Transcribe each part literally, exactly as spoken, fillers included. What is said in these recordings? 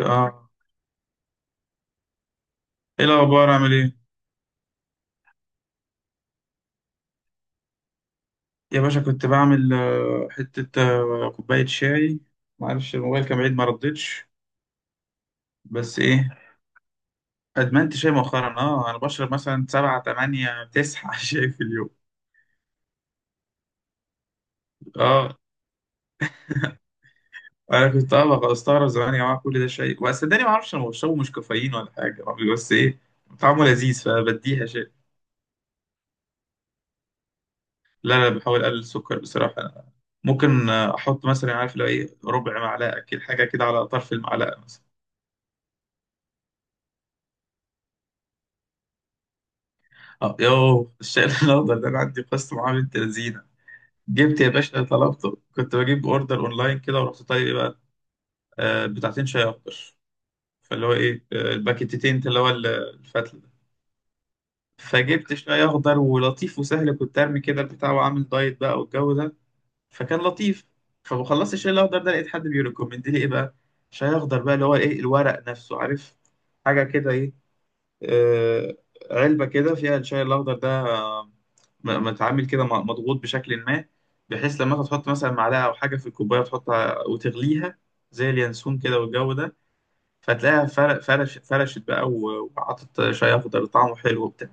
اه ايه الاخبار عامل ايه؟ يا باشا كنت بعمل آه، حته، آه، كوبايه شاي. معرفش، الموبايل كان بعيد ما ردتش. بس ايه، ادمنت شاي مؤخرا، اه انا بشرب مثلا سبعة تمانية تسعة شاي في اليوم. اه، انا كنت اه بقى استغرب زمان يا جماعه كل ده شاي، بس صدقني ما اعرفش، انا بشربه مش كافيين ولا حاجه، بس ايه، طعمه لذيذ فبديها شاي. لا لا، بحاول اقلل السكر بصراحه أنا. ممكن آه، احط مثلا، عارف، لو ايه ربع معلقه كده، حاجه كده على طرف المعلقه مثلا. اه، يو الشاي الاخضر ده انا عندي قصه معاه بنت لذينه. جبت يا باشا، طلبته كنت بجيب اوردر اونلاين كده، ورحت طيب ايه بقى، آه، بتاعتين شاي اخضر. فاللي هو ايه، آه، الباكيتتين اللي هو ال- الفتله ده. فجبت شاي اخضر ولطيف وسهل، كنت ارمي كده البتاع، وعامل دايت بقى والجو ده، فكان لطيف. فخلصت الشاي الاخضر ده، لقيت حد بيريكومند لي ايه بقى، شاي اخضر بقى اللي هو ايه الورق نفسه، عارف، حاجه كده ايه، آه، علبة كده فيها الشاي الأخضر ده، آه، م- متعامل كده م- مضغوط بشكل ما، بحيث لما تحط مثلا معلقة أو حاجة في الكوباية تحطها وتغليها زي اليانسون كده والجو ده. فتلاقيها فرق فرش فرشت بقى و- وعطت شاي أخضر طعمه حلو وبتاع.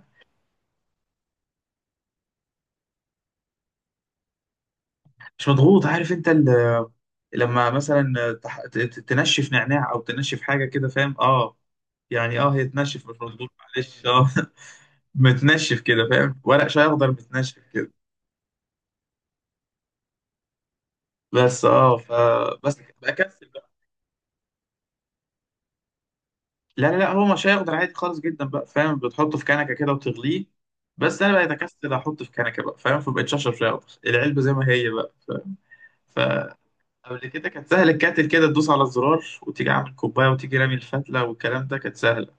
مش مضغوط عارف أنت ال- لما مثلا تح- ت- ت- تنشف نعناع أو تنشف حاجة كده، فاهم، أه، يعني أه، هي تنشف، مش مضغوط، معلش أه. متنشف كده، فاهم، ورق شاي أخضر متنشف كده. بس اه، ف، بس بكسل بقى. لا لا لا، هو مش هيقدر، عادي خالص جدا بقى، فاهم، بتحطه في كنكه كده وتغليه. بس انا بقيت اكسل احطه في كنكه بقى، فاهم، فبقيت اشرب شاي اخضر العلبه زي ما هي بقى، ف... فقبل كده كانت سهل، الكاتل كده تدوس على الزرار وتيجي عامل كوبايه وتيجي رامي الفتله والكلام ده، كانت سهله.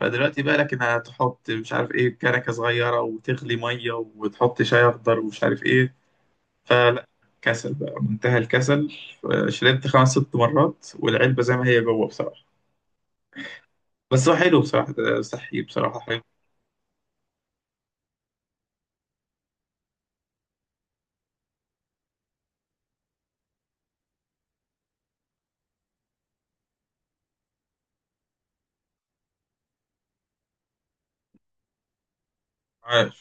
فدلوقتي بقى لك انها تحط مش عارف ايه كنكه صغيره وتغلي ميه وتحط شاي اخضر ومش عارف ايه، فلا، كسل بقى، منتهى الكسل. شربت خمس ست مرات والعلبه زي ما هي جوه بصراحه. بس هو حلو بصراحة، آه، صحي بصراحة حلو. عاش.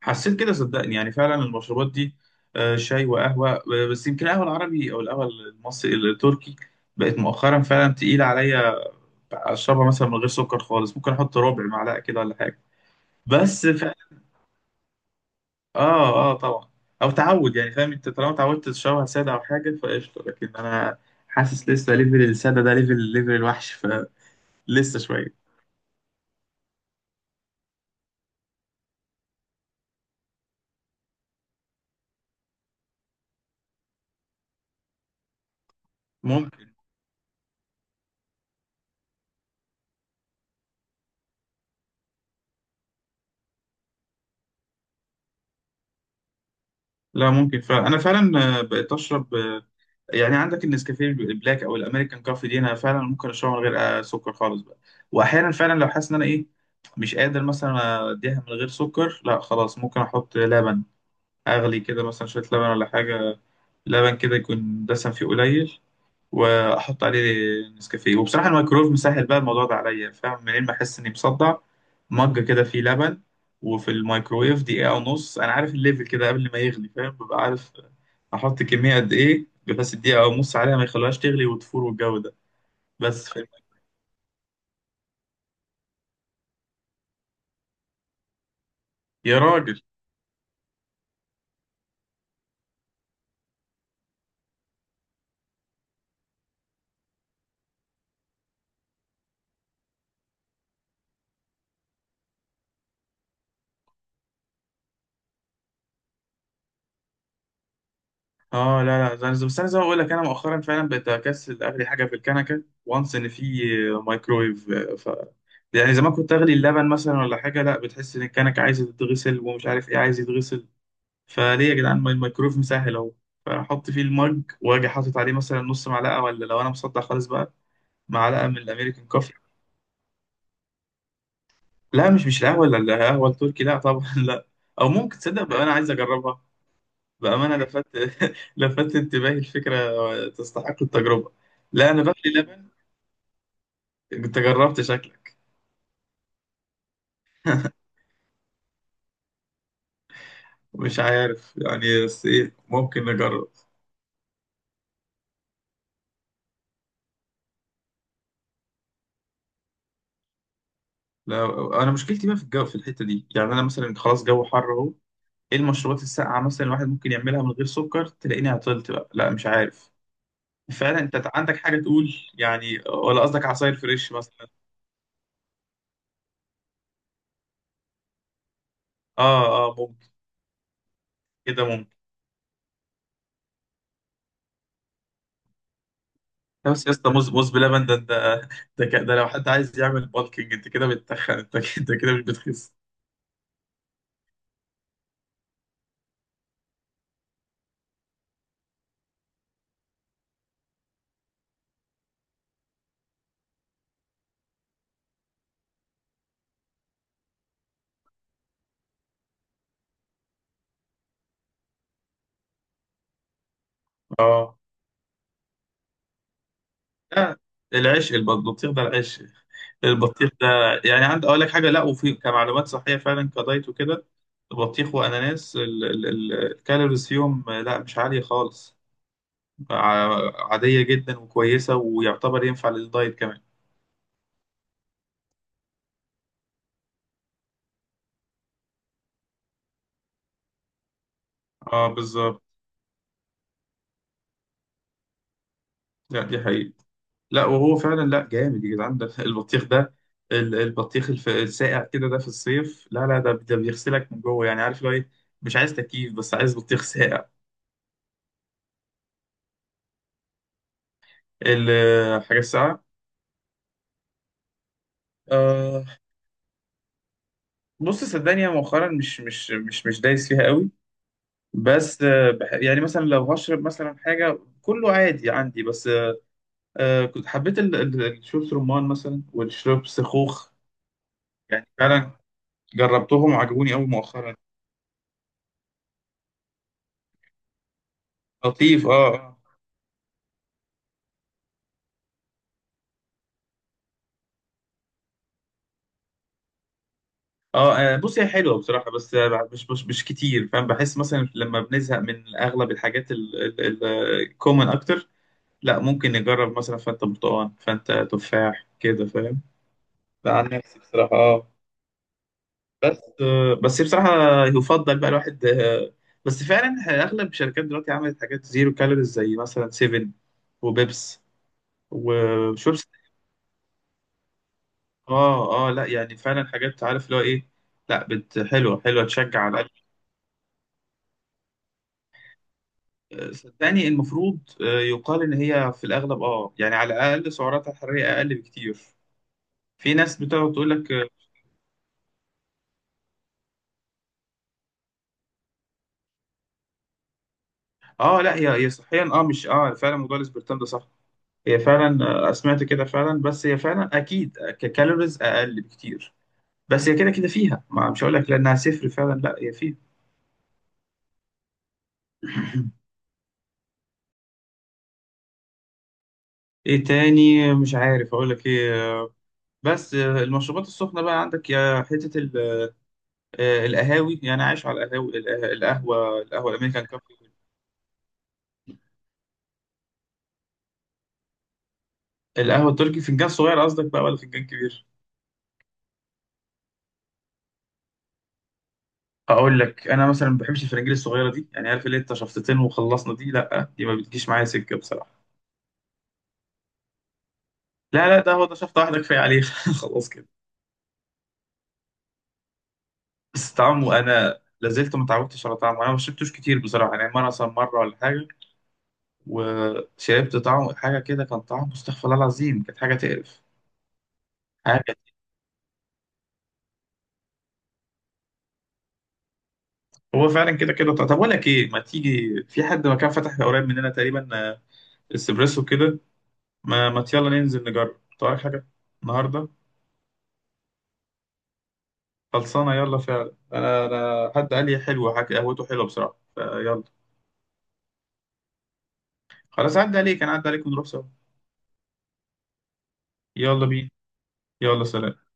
حسيت كده صدقني، يعني فعلا المشروبات دي، آه، شاي وقهوة، آه، بس يمكن القهوة العربي أو القهوة المصري التركي بقت مؤخرا فعلا تقيلة عليا. أشربها مثلا من غير سكر خالص، ممكن أحط ربع معلقة كده ولا حاجة. بس فعلا، آه آه، طبعا. أو تعود، يعني فاهم أنت، طالما اتعودت تشربها سادة أو حاجة فقشطة، لكن أنا حاسس لسه ليفل السادة ده ليفل ليفل الوحش، فلسه شوية. ممكن، لا ممكن فعلا، أنا فعلا آه، بقيت أشرب آه، يعني عندك النسكافيه البلاك او الامريكان كوفي دي، انا فعلا ممكن اشربها من غير آه، سكر خالص بقى. واحيانا فعلا لو حاسس ان انا ايه، مش قادر مثلا اديها من غير سكر، لا خلاص ممكن احط لبن، اغلي كده مثلا شويه لبن ولا حاجه، لبن كده يكون دسم فيه قليل، واحط عليه نسكافيه. وبصراحه الميكرويف مسهل بقى الموضوع ده عليا، فاهم، منين ما احس اني مصدع، مج كده فيه لبن وفي الميكرويف دقيقه ونص. انا عارف الليفل كده قبل ما يغلي، فاهم، ببقى عارف احط كميه قد ايه، بس الدقيقه ونص عليها ما يخلوهاش تغلي وتفور والجو ده. بس فاهم، يا راجل. اه، لا لا، زي- بس انا زي ما بقول لك، انا مؤخرا فعلا بقيت اكسل اغلي حاجه في الكنكه، وانس ان في مايكرويف، ف، يعني زمان كنت اغلي اللبن مثلا ولا حاجه، لا بتحس ان الكنكه عايزه تتغسل ومش عارف ايه عايز يتغسل، فليه يا جدعان ما الميكرويف مسهل اهو. فاحط فيه المج، واجي حاطط عليه مثلا نص معلقه، ولا لو انا مصدع خالص بقى معلقه، من الامريكان كوفي. لا، مش مش القهوه، لا القهوه التركي، لا طبعا لا. او ممكن تصدق بقى انا عايز اجربها، بامانه لفت لفت انتباهي الفكره، تستحق التجربه. لا انا بقلي لبن. انت جربت، شكلك. مش عارف يعني، بس ايه ممكن نجرب. لا، انا مشكلتي بقى في الجو، في الحته دي، يعني انا مثلا خلاص جو حر اهو، ايه المشروبات الساقعه مثلا الواحد ممكن يعملها من غير سكر، تلاقيني عطلت بقى، لا مش عارف فعلا، انت عندك حاجه تقول يعني ولا قصدك عصاير فريش مثلا؟ اه اه ممكن. كده ممكن. لا، بس يا اسطى، موز موز بلبن ده، ده ده, ك- ده لو حد عايز يعمل بالكينج، انت كده بتتخن، انت كده، انت كده مش بتخس. اه. لا، العيش الب- البطيخ ده، العيش البطيخ ده، يعني عندي اقول لك حاجه، لا وفي كمعلومات صحيه فعلا كدايت وكده، البطيخ واناناس، ال- ال- ال- الكالوريز فيهم لا مش عاليه خالص، ع- عادية جدا وكويسة، ويعتبر ينفع للدايت كمان. اه بالظبط. لا دي حقيقة، لا وهو فعلا، لا جامد يا جدعان ده البطيخ ده، ال- البطيخ الف- الساقع كده ده في الصيف، لا لا ده، ده بيغسلك من جوه، يعني عارف لو ايه، مش عايز تكييف بس عايز بطيخ ساقع. الحاجة الساقعة، آه، بص صدقني أنا مؤخرا مش مش مش مش دايس فيها قوي. بس آه، بح-، يعني مثلا لو هشرب مثلا حاجة كله عادي عندي، بس آه كنت حبيت ال- ال- الشرب رمان مثلا والشرب سخوخ، يعني فعلا جربتهم وعجبوني قوي مؤخرا. لطيف اه اه. اه، آه، بص هي حلوه بصراحه، بس آه، مش مش مش كتير، فاهم، بحس مثلا لما بنزهق من اغلب الحاجات الكومن اكتر، لا ممكن نجرب مثلا فانتا برتقال، فانتا تفاح كده، فاهم. ده عن نفسي بصراحه، اه. بس آه، بس بصراحه، يفضل بقى الواحد آه، بس فعلا اغلب الشركات دلوقتي عملت حاجات زيرو كالوريز زي مثلا سفن وبيبس وشورس. اه اه، لا يعني فعلا حاجات، عارف اللي هو ايه، لا بت حلوه حلوه، تشجع على الاقل. آه، صدقني المفروض آه، يقال ان هي في الاغلب، اه يعني على الاقل سعراتها الحراريه اقل بكتير. في ناس بتقعد تقول لك اه، آه، لا، هي هي صحيا اه مش، اه فعلا موضوع الاسبرتام ده صح، هي فعلا آه، سمعت كده فعلا. بس هي فعلا اكيد ككالوريز اقل بكتير، بس هي كده كده فيها، ما مش هقول لك لانها صفر فعلا، لا هي فيها. ايه تاني، مش عارف اقول لك ايه. بس آه، المشروبات السخنة بقى عندك، يا حتة ال- آه، القهاوي، يعني عايش على القهاوي، القه- القهوة القهوة الأمريكان كافي. القهوة التركي فنجان صغير قصدك بقى ولا فنجان كبير؟ أقول لك أنا مثلا ما بحبش الفرنجيل الصغيرة دي، يعني عارف اللي أنت شفطتين وخلصنا دي، لأ دي ما بتجيش معايا سكة بصراحة. لا لا ده، هو ده شفطة واحدة كفاية عليه خلاص كده. بس طعمه أنا لازلت ما اتعودتش على طعمه، أنا ما شربتوش كتير بصراحة يعني، مرة مثلا، مرة ولا حاجة. وشربت طعمه حاجة كده، كان طعمه استغفر الله العظيم، كانت حاجة تقرف، حاجة. هو فعلا كده كده، طب اقول لك ايه، ما تيجي في حد مكان فتح قريب مننا تقريبا، آه، اسبريسو كده. ما ما يلا ننزل نجرب طيب حاجه النهارده. خلصانه، يلا فعلا، انا انا حد قال لي حلوه، حاجه قهوته حلوه بصراحه، فيلا. خلاص، عدى عليك، انا عدى عليك ونروح سوا. يلا بينا. يلا سلام.